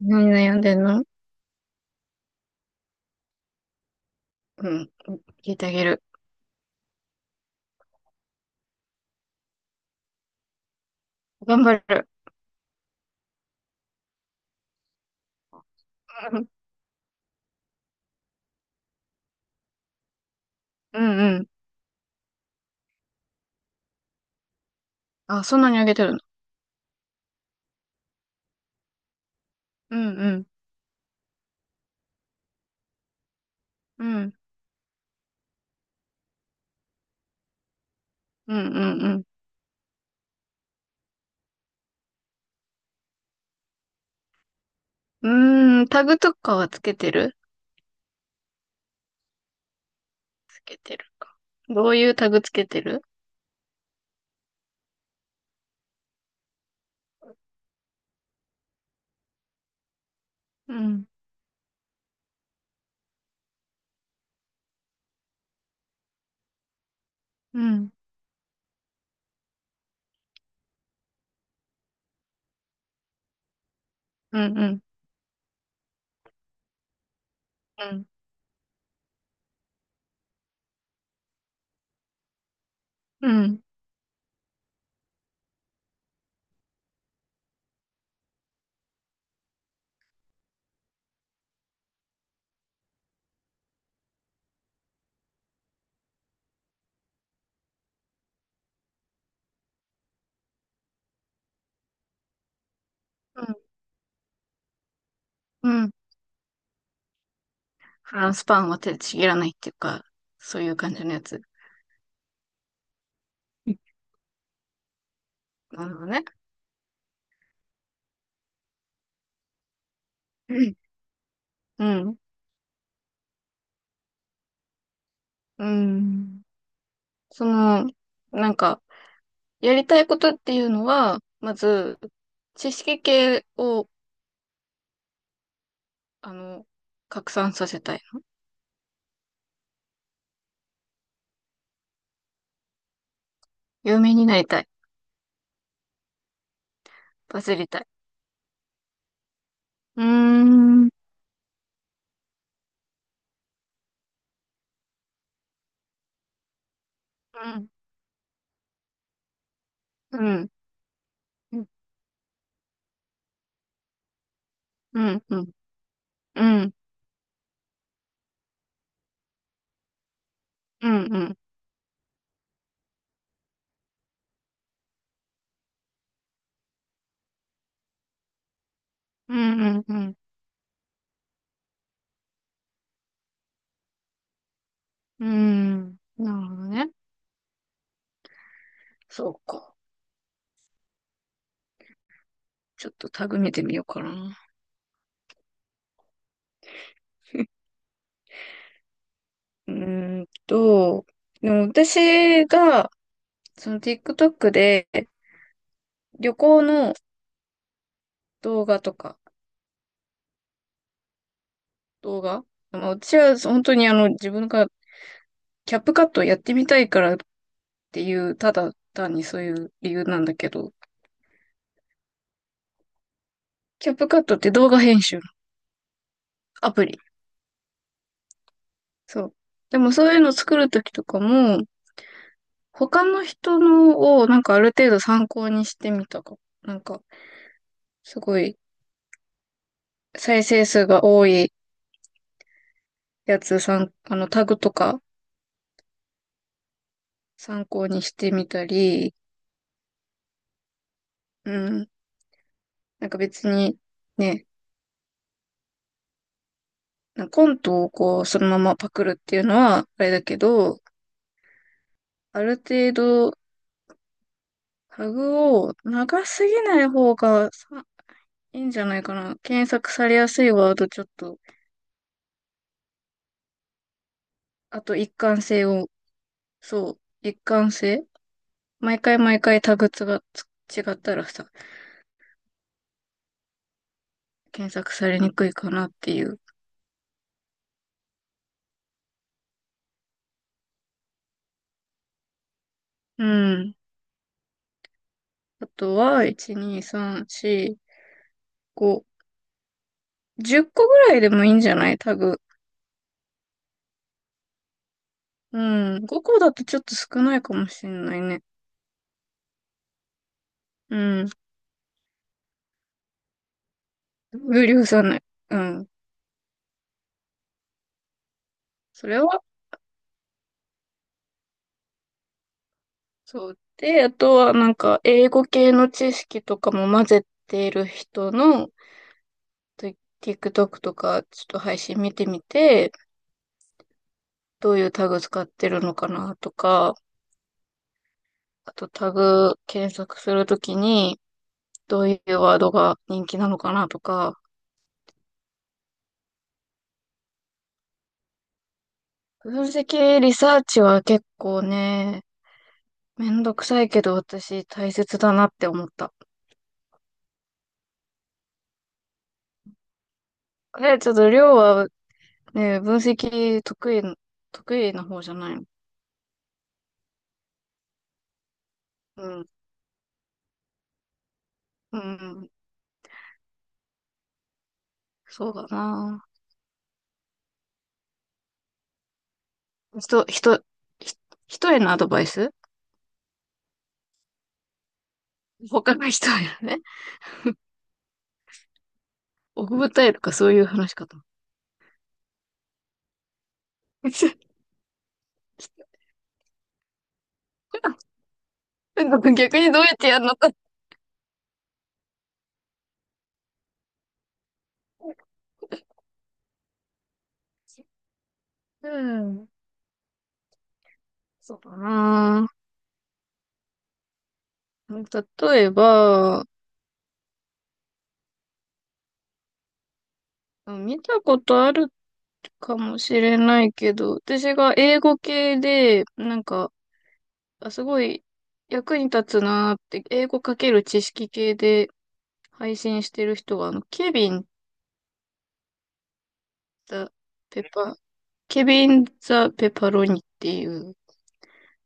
何悩んでんの？うん。聞いてあげる。頑張る。うん、うんうん。あ、そんなにあげてるの？うん、うん。うん、うん、うん、うん。うーん、タグとかはつけてる？つけてる。どういうタグつけてる？うん、うん、うん、うん、うん、うん、うん、うん。フランスパンは手でちぎらないっていうか、そういう感じのやつ。なるほどね。うん、うん、うん。その、なんか、やりたいことっていうのは、まず、知識系を、あの、拡散させたい。有名になりたい。バズりたい。うーん、うん、うん、うん、うん、うん、うん、うん、うん、うん、うん、うん、なるほどね。そうか。ちょっとタグ見てみようかな。うーんと、でも私が、その TikTok で旅行の動画とか、動画、まあ私は本当に自分がキャップカットやってみたいからっていう、ただ単にそういう理由なんだけど、キャップカットって動画編集のアプリ。そう。でもそういうの作るときとかも、他の人のをなんかある程度参考にしてみたか。なんか、すごい再生数が多いやつさん、あのタグとか参考にしてみたり、うん。なんか別にね、コントをこう、そのままパクるっていうのは、あれだけど、ある程度、タグを長すぎない方がさいいんじゃないかな。検索されやすいワードちょっと、あと一貫性を、そう、一貫性、毎回毎回タグが違ったらさ、検索されにくいかなっていう。うん。あとは、1、2、3、4、5、10個ぐらいでもいいんじゃないタグ。うん。5個だとちょっと少ないかもしれないね。うん。無理さない。うん。それはそう。で、あとはなんか、英語系の知識とかも混ぜてる人の、と TikTok とか、ちょっと配信見てみて、どういうタグ使ってるのかなとか、あとタグ検索するときに、どういうワードが人気なのかなとか、分析リサーチは結構ね、めんどくさいけど私大切だなって思った。え、ちょっとりょうはね、分析得意、得意な方じゃないの？うん。うん、そうだな。人、人、ひ人へのアドバイス、他の人へのね。奥二重とかそういう話かと思っ。 なんか 逆にどうやってやるのか。うん。そうだな。例えば、見たことあるかもしれないけど、私が英語系で、なんか、あ、すごい役に立つなーって、英語かける知識系で配信してる人が、ケビンだ、ペッパー、ケビン・ザ・ペパロニっていう、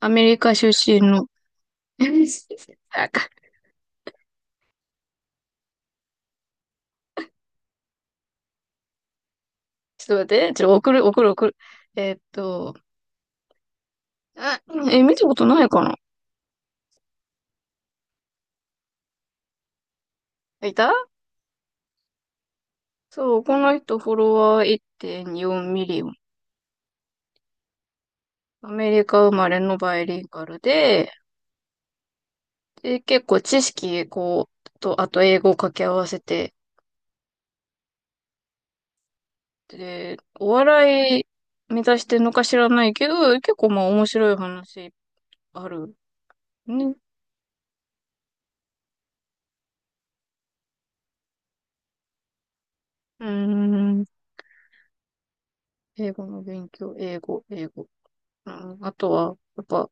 アメリカ出身の、なんか、ちょっと待って、ちょっと送る。えーっと、あ、え、見たことないかな。いた。そう、この人フォロワー1.4ミリオン。アメリカ生まれのバイリンガルで、で、結構知識、こう、と、あと英語を掛け合わせて、で、お笑い目指してんのか知らないけど、結構まあ面白い話あるね。うーん。英語の勉強、英語、英語。うん、あとは、やっぱ、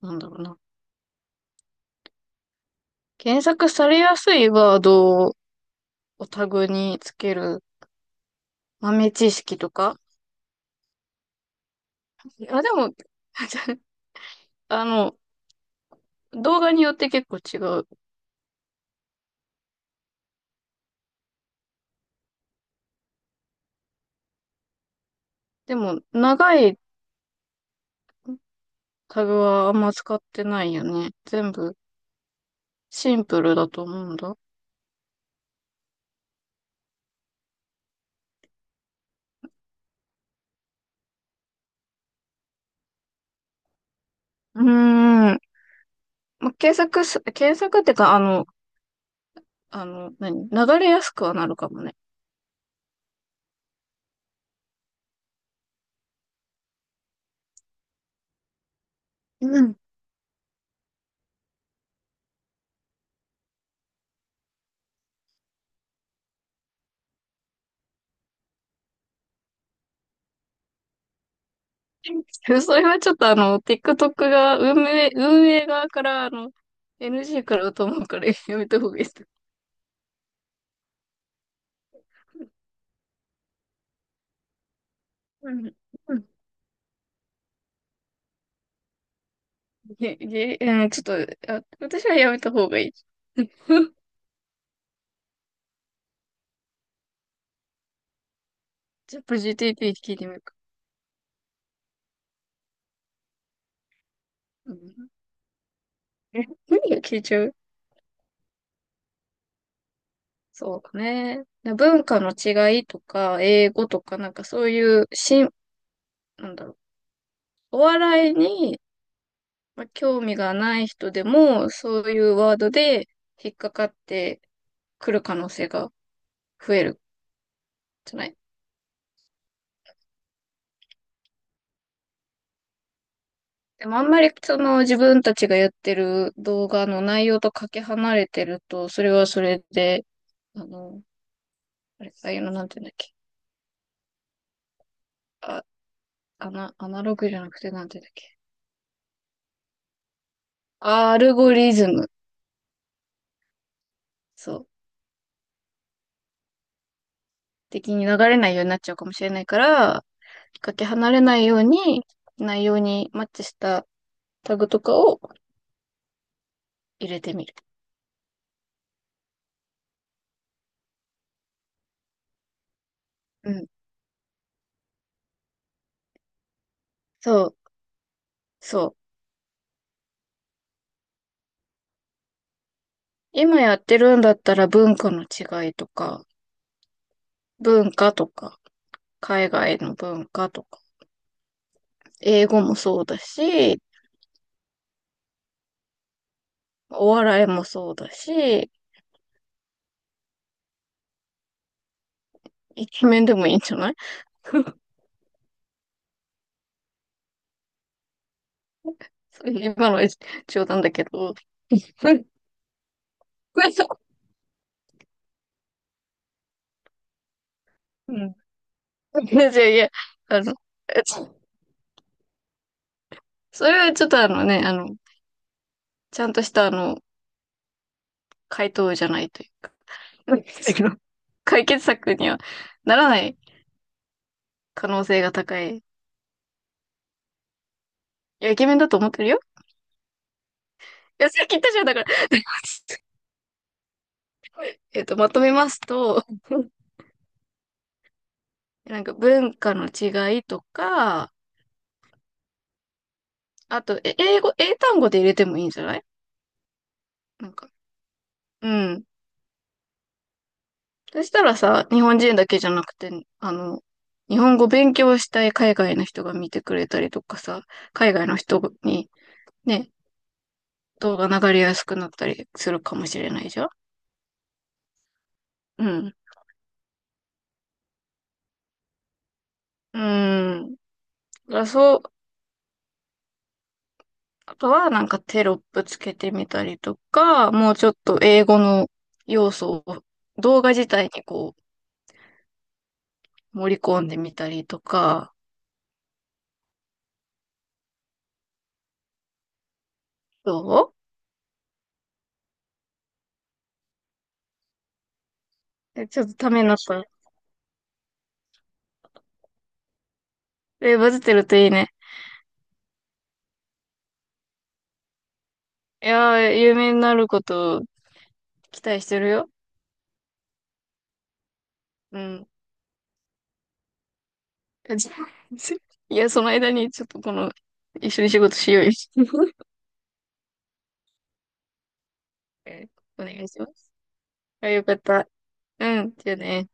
なんだろうな。検索されやすいワードをタグにつける。豆知識とか。あ、でも、あの、動画によって結構違う。でも、長いタグはあんま使ってないよね。全部シンプルだと思うんだ。うーん。検索ってか、何、流れやすくはなるかもね。うん。それはちょっとあの、TikTok が、運営側から、NG からと思うから やめた方がいいです。うん。うん、うん、ちょっと、あ、私はやめた方がいい。ちょっと GTP 聞いてみるか。うん。え、何が聞いちゃう？そうね。文化の違いとか、英語とか、なんかそういう、しん、なんだろう。お笑いに、まあ、興味がない人でも、そういうワードで引っかかってくる可能性が増えるじゃない。でもあんまりその自分たちがやってる動画の内容とかけ離れてると、それはそれで、あの、あれ、ああいうのなんて言うんだっけ。あ、アナログじゃなくてなんて言うんだっけ。アルゴリズム、そう、的に流れないようになっちゃうかもしれないから、かけ離れないように、内容にマッチしたタグとかを入れてみる。うん。そう、そう。今やってるんだったら文化の違いとか、文化とか、海外の文化とか、英語もそうだし、お笑いもそうだし、イケメンでもいいんじゃない？ 今の冗談だけど。うん。いやいやいや、あの、それはちょっとあのね、ちゃんとしたあの、回答じゃないというか、解決策にはならない可能性が高い。いや、イケメンだと思ってるよ。いや、さっき言ったじゃん、だから。えっと、まとめますと、なんか文化の違いとか、あと、え、英語、英単語で入れてもいいんじゃない？なんか、うん。そしたらさ、日本人だけじゃなくて、あの、日本語勉強したい海外の人が見てくれたりとかさ、海外の人にね、動画流れやすくなったりするかもしれないじゃん。うん。うん。だからそう、あとはなんかテロップつけてみたりとか、もうちょっと英語の要素を動画自体にこう盛り込んでみたりとか、そう、えちょっとためになった。え、バズってるといいね。いやー、有名になることを期待してるよ。うん。えじゃ、 いや、その間にちょっとこの、一緒に仕事しようよ。え、お願いします。あ、よかった。うん、じゃあね。